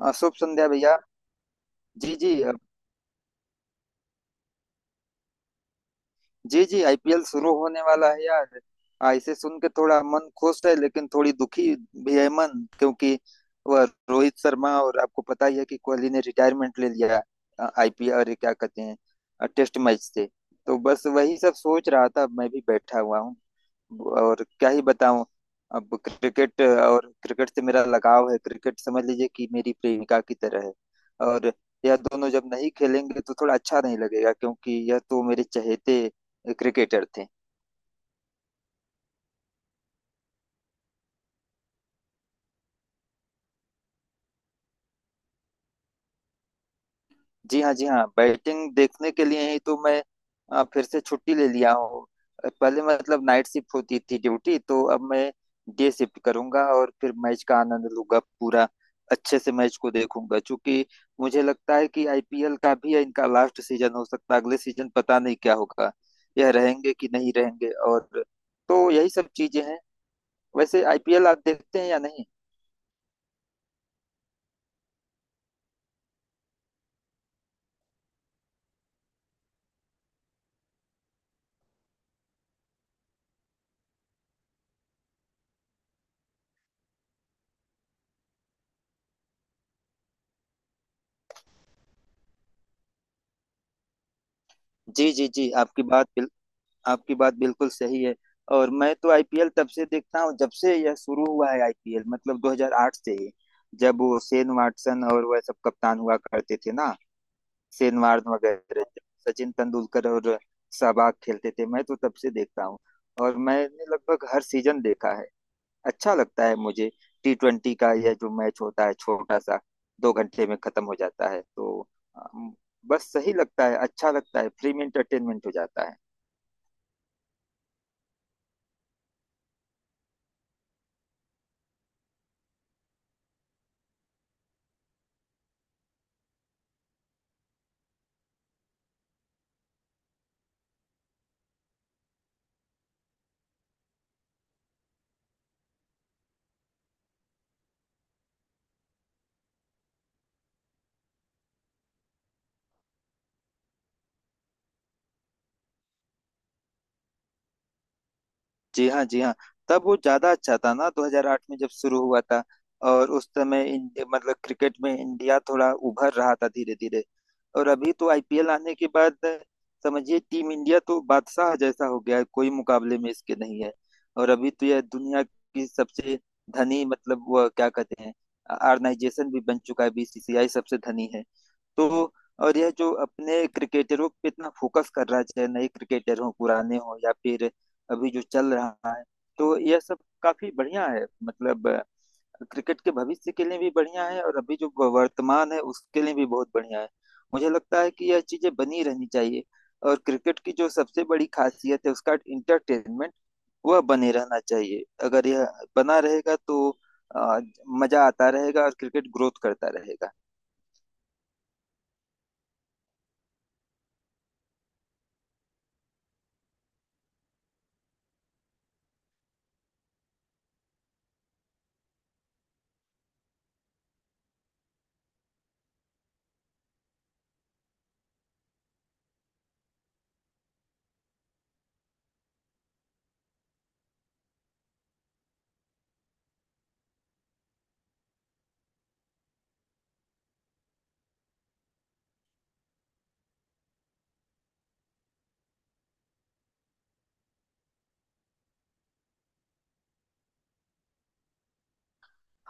शुभ संध्या भैया। जी जी जी जी आईपीएल शुरू होने वाला है यार। इसे सुन के थोड़ा मन खुश है लेकिन थोड़ी दुखी भी है मन, क्योंकि वह रोहित शर्मा, और आपको पता ही है कि कोहली ने रिटायरमेंट ले लिया आईपीएल और ये क्या कहते हैं टेस्ट मैच से। तो बस वही सब सोच रहा था, मैं भी बैठा हुआ हूँ और क्या ही बताऊं। अब क्रिकेट, और क्रिकेट से मेरा लगाव है, क्रिकेट समझ लीजिए कि मेरी प्रेमिका की तरह है। और यह दोनों जब नहीं खेलेंगे तो थोड़ा अच्छा नहीं लगेगा, क्योंकि यह तो मेरे चहेते क्रिकेटर थे। जी हाँ जी हाँ, बैटिंग देखने के लिए ही तो मैं फिर से छुट्टी ले लिया हूँ। पहले मतलब नाइट शिफ्ट होती थी ड्यूटी, तो अब मैं डे शिफ्ट करूंगा और फिर मैच का आनंद लूंगा पूरा अच्छे से, मैच को देखूंगा। क्योंकि मुझे लगता है कि आईपीएल का भी इनका लास्ट सीजन हो सकता है, अगले सीजन पता नहीं क्या होगा, यह रहेंगे कि नहीं रहेंगे। और तो यही सब चीजें हैं। वैसे आईपीएल आप देखते हैं या नहीं? जी जी जी, आपकी बात बिल्कुल सही है। और मैं तो आईपीएल तब से देखता हूँ जब से यह शुरू हुआ है, आईपीएल मतलब 2008 से ही, जब वो शेन वाटसन और वह सब कप्तान हुआ करते थे ना, शेन वार्न वगैरह, सचिन तेंदुलकर और सहवाग खेलते थे, मैं तो तब से देखता हूँ। और मैंने लगभग हर सीजन देखा है, अच्छा लगता है मुझे। T20 का यह जो मैच होता है छोटा सा, 2 घंटे में खत्म हो जाता है, तो अम, बस सही लगता है, अच्छा लगता है, फ्री में इंटरटेनमेंट हो जाता है। जी हाँ जी हाँ, तब वो ज्यादा अच्छा था ना, 2008 में जब शुरू हुआ था। और उस समय मतलब क्रिकेट में इंडिया थोड़ा उभर रहा था, धीरे धीरे। और अभी तो आईपीएल आने के बाद समझिए टीम इंडिया तो बादशाह जैसा हो गया है, कोई मुकाबले में इसके नहीं है। और अभी तो यह दुनिया की सबसे धनी मतलब वो क्या कहते हैं, ऑर्गेनाइजेशन भी बन चुका है, बीसीसीआई सबसे धनी है। तो और यह जो अपने क्रिकेटरों पे इतना फोकस कर रहा है, चाहे नए क्रिकेटर हो, पुराने हो, या फिर अभी जो चल रहा है, तो यह सब काफी बढ़िया है, मतलब क्रिकेट के भविष्य के लिए भी बढ़िया है, और अभी जो वर्तमान है उसके लिए भी बहुत बढ़िया है। मुझे लगता है कि यह चीजें बनी रहनी चाहिए। और क्रिकेट की जो सबसे बड़ी खासियत है उसका इंटरटेनमेंट, वह बने रहना चाहिए, अगर यह बना रहेगा तो अ, मजा आता रहेगा और क्रिकेट ग्रोथ करता रहेगा।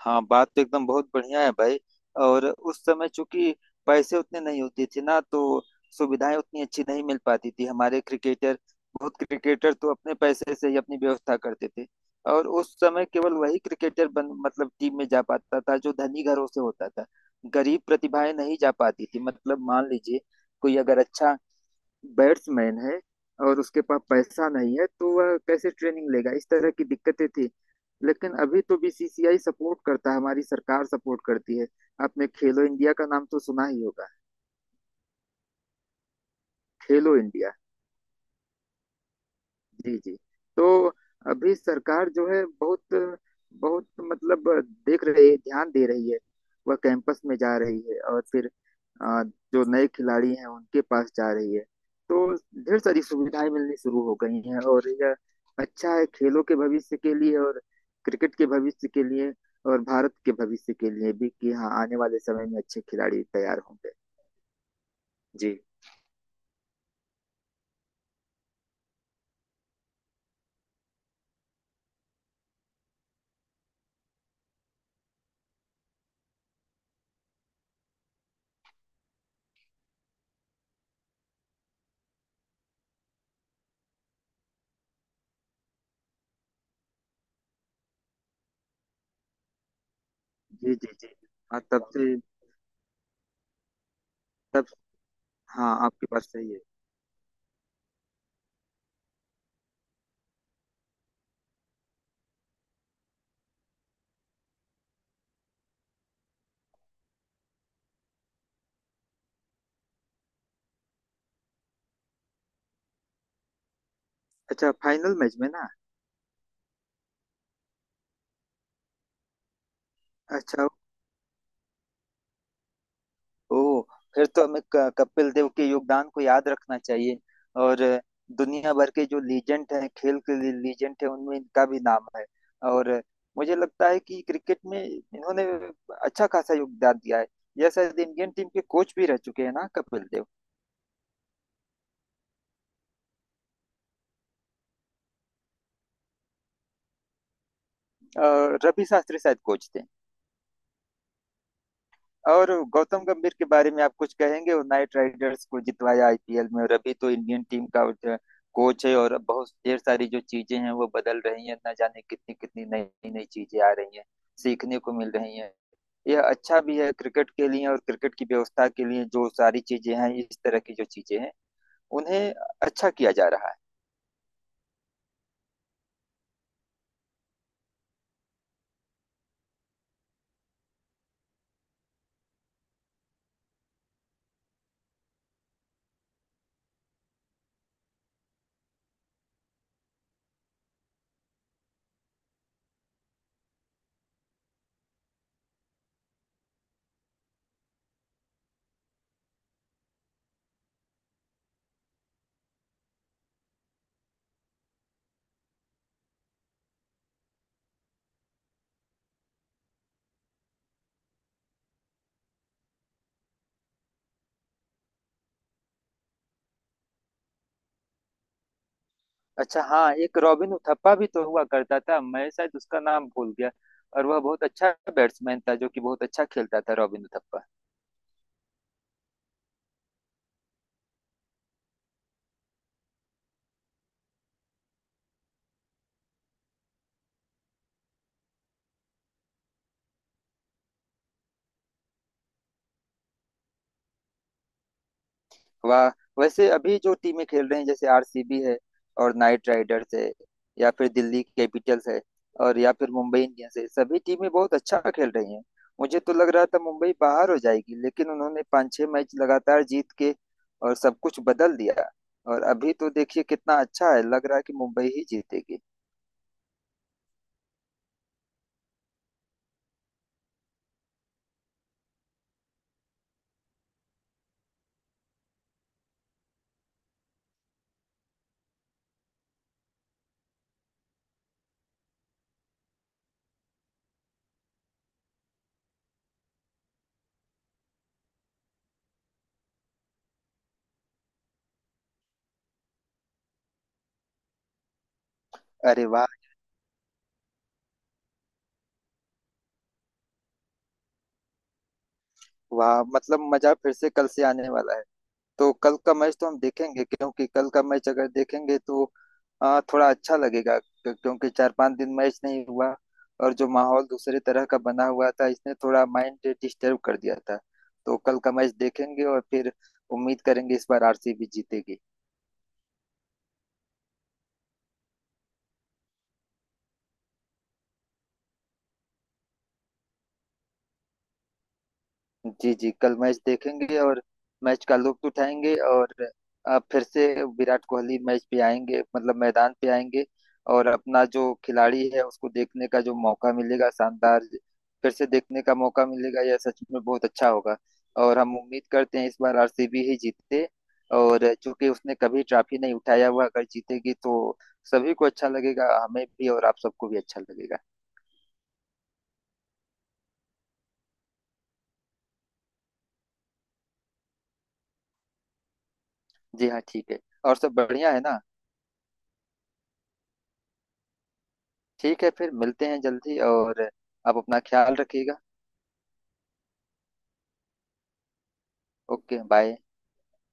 हाँ, बात तो एकदम बहुत बढ़िया है भाई। और उस समय चूंकि पैसे उतने नहीं होते थे ना, तो सुविधाएं उतनी अच्छी नहीं मिल पाती थी हमारे क्रिकेटर, बहुत क्रिकेटर तो अपने पैसे से ही अपनी व्यवस्था करते थे। और उस समय केवल वही क्रिकेटर बन मतलब टीम में जा पाता था जो धनी घरों से होता था, गरीब प्रतिभाएं नहीं जा पाती थी। मतलब मान लीजिए कोई अगर अच्छा बैट्समैन है और उसके पास पैसा नहीं है, तो वह कैसे ट्रेनिंग लेगा, इस तरह की दिक्कतें थी। लेकिन अभी तो बीसीसीआई सपोर्ट करता है, हमारी सरकार सपोर्ट करती है। आपने खेलो इंडिया का नाम तो सुना ही होगा। खेलो इंडिया, जी जी। तो अभी सरकार जो है बहुत बहुत मतलब देख रही है, ध्यान दे रही है, वह कैंपस में जा रही है, और फिर अ, जो नए खिलाड़ी हैं उनके पास जा रही है। तो ढेर सारी सुविधाएं मिलनी शुरू हो गई हैं, और यह अच्छा है खेलों के भविष्य के लिए, और क्रिकेट के भविष्य के लिए, और भारत के भविष्य के लिए भी, कि हाँ आने वाले समय में अच्छे खिलाड़ी तैयार होंगे। जी जी जी, जी हाँ, तब से, तब। हाँ आपकी बात सही है। अच्छा, फाइनल मैच में ना? अच्छा, ओ, फिर तो हमें कपिल देव के योगदान को याद रखना चाहिए। और दुनिया भर के जो लीजेंड हैं, खेल के लिए लीजेंड हैं, उनमें इनका भी नाम है। और मुझे लगता है कि क्रिकेट में इन्होंने अच्छा खासा योगदान दिया है। यह शायद इंडियन टीम के कोच भी रह चुके हैं ना, कपिल देव? अ, रवि शास्त्री शायद कोच थे। और गौतम गंभीर के बारे में आप कुछ कहेंगे? वो नाइट राइडर्स को जितवाया आईपीएल में, और अभी तो इंडियन टीम का जो कोच है, और बहुत ढेर सारी जो चीजें हैं वो बदल रही हैं, ना जाने कितनी कितनी नई नई चीजें आ रही हैं, सीखने को मिल रही हैं। यह अच्छा भी है क्रिकेट के लिए, और क्रिकेट की व्यवस्था के लिए, जो सारी चीजें हैं इस तरह की जो चीजें हैं उन्हें अच्छा किया जा रहा है। अच्छा, हाँ, एक रॉबिन उथप्पा भी तो हुआ करता था, मैं शायद उसका नाम भूल गया। और वह बहुत अच्छा बैट्समैन था, जो कि बहुत अच्छा खेलता था, रॉबिन उथप्पा। वाह। वैसे अभी जो टीमें खेल रही हैं, जैसे आरसीबी है, और नाइट राइडर्स है, या फिर दिल्ली कैपिटल्स है, और या फिर मुंबई इंडियंस है, सभी टीमें बहुत अच्छा खेल रही हैं। मुझे तो लग रहा था मुंबई बाहर हो जाएगी, लेकिन उन्होंने पाँच छह मैच लगातार जीत के और सब कुछ बदल दिया, और अभी तो देखिए कितना अच्छा है, लग रहा है कि मुंबई ही जीतेगी। अरे वाह। वाह, मतलब मजा फिर से कल से आने वाला है। तो कल का मैच तो हम देखेंगे, क्योंकि कल का मैच अगर देखेंगे तो थोड़ा अच्छा लगेगा, क्योंकि चार पांच दिन मैच नहीं हुआ, और जो माहौल दूसरे तरह का बना हुआ था इसने थोड़ा माइंड डिस्टर्ब कर दिया था। तो कल का मैच देखेंगे और फिर उम्मीद करेंगे इस बार आरसीबी जीतेगी। जी जी, कल मैच देखेंगे और मैच का लुत्फ उठाएंगे, और फिर से विराट कोहली मैच पे आएंगे, मतलब मैदान पे आएंगे। और अपना जो खिलाड़ी है उसको देखने का जो मौका मिलेगा शानदार, फिर से देखने का मौका मिलेगा, यह सच में बहुत अच्छा होगा। और हम उम्मीद करते हैं इस बार आरसीबी ही जीते, और चूंकि उसने कभी ट्रॉफी नहीं उठाया हुआ, अगर जीतेगी तो सभी को अच्छा लगेगा, हमें भी और आप सबको भी अच्छा लगेगा। जी हाँ ठीक है, और सब बढ़िया है ना? ठीक है, फिर मिलते हैं जल्दी, और आप अपना ख्याल रखिएगा। Okay bye.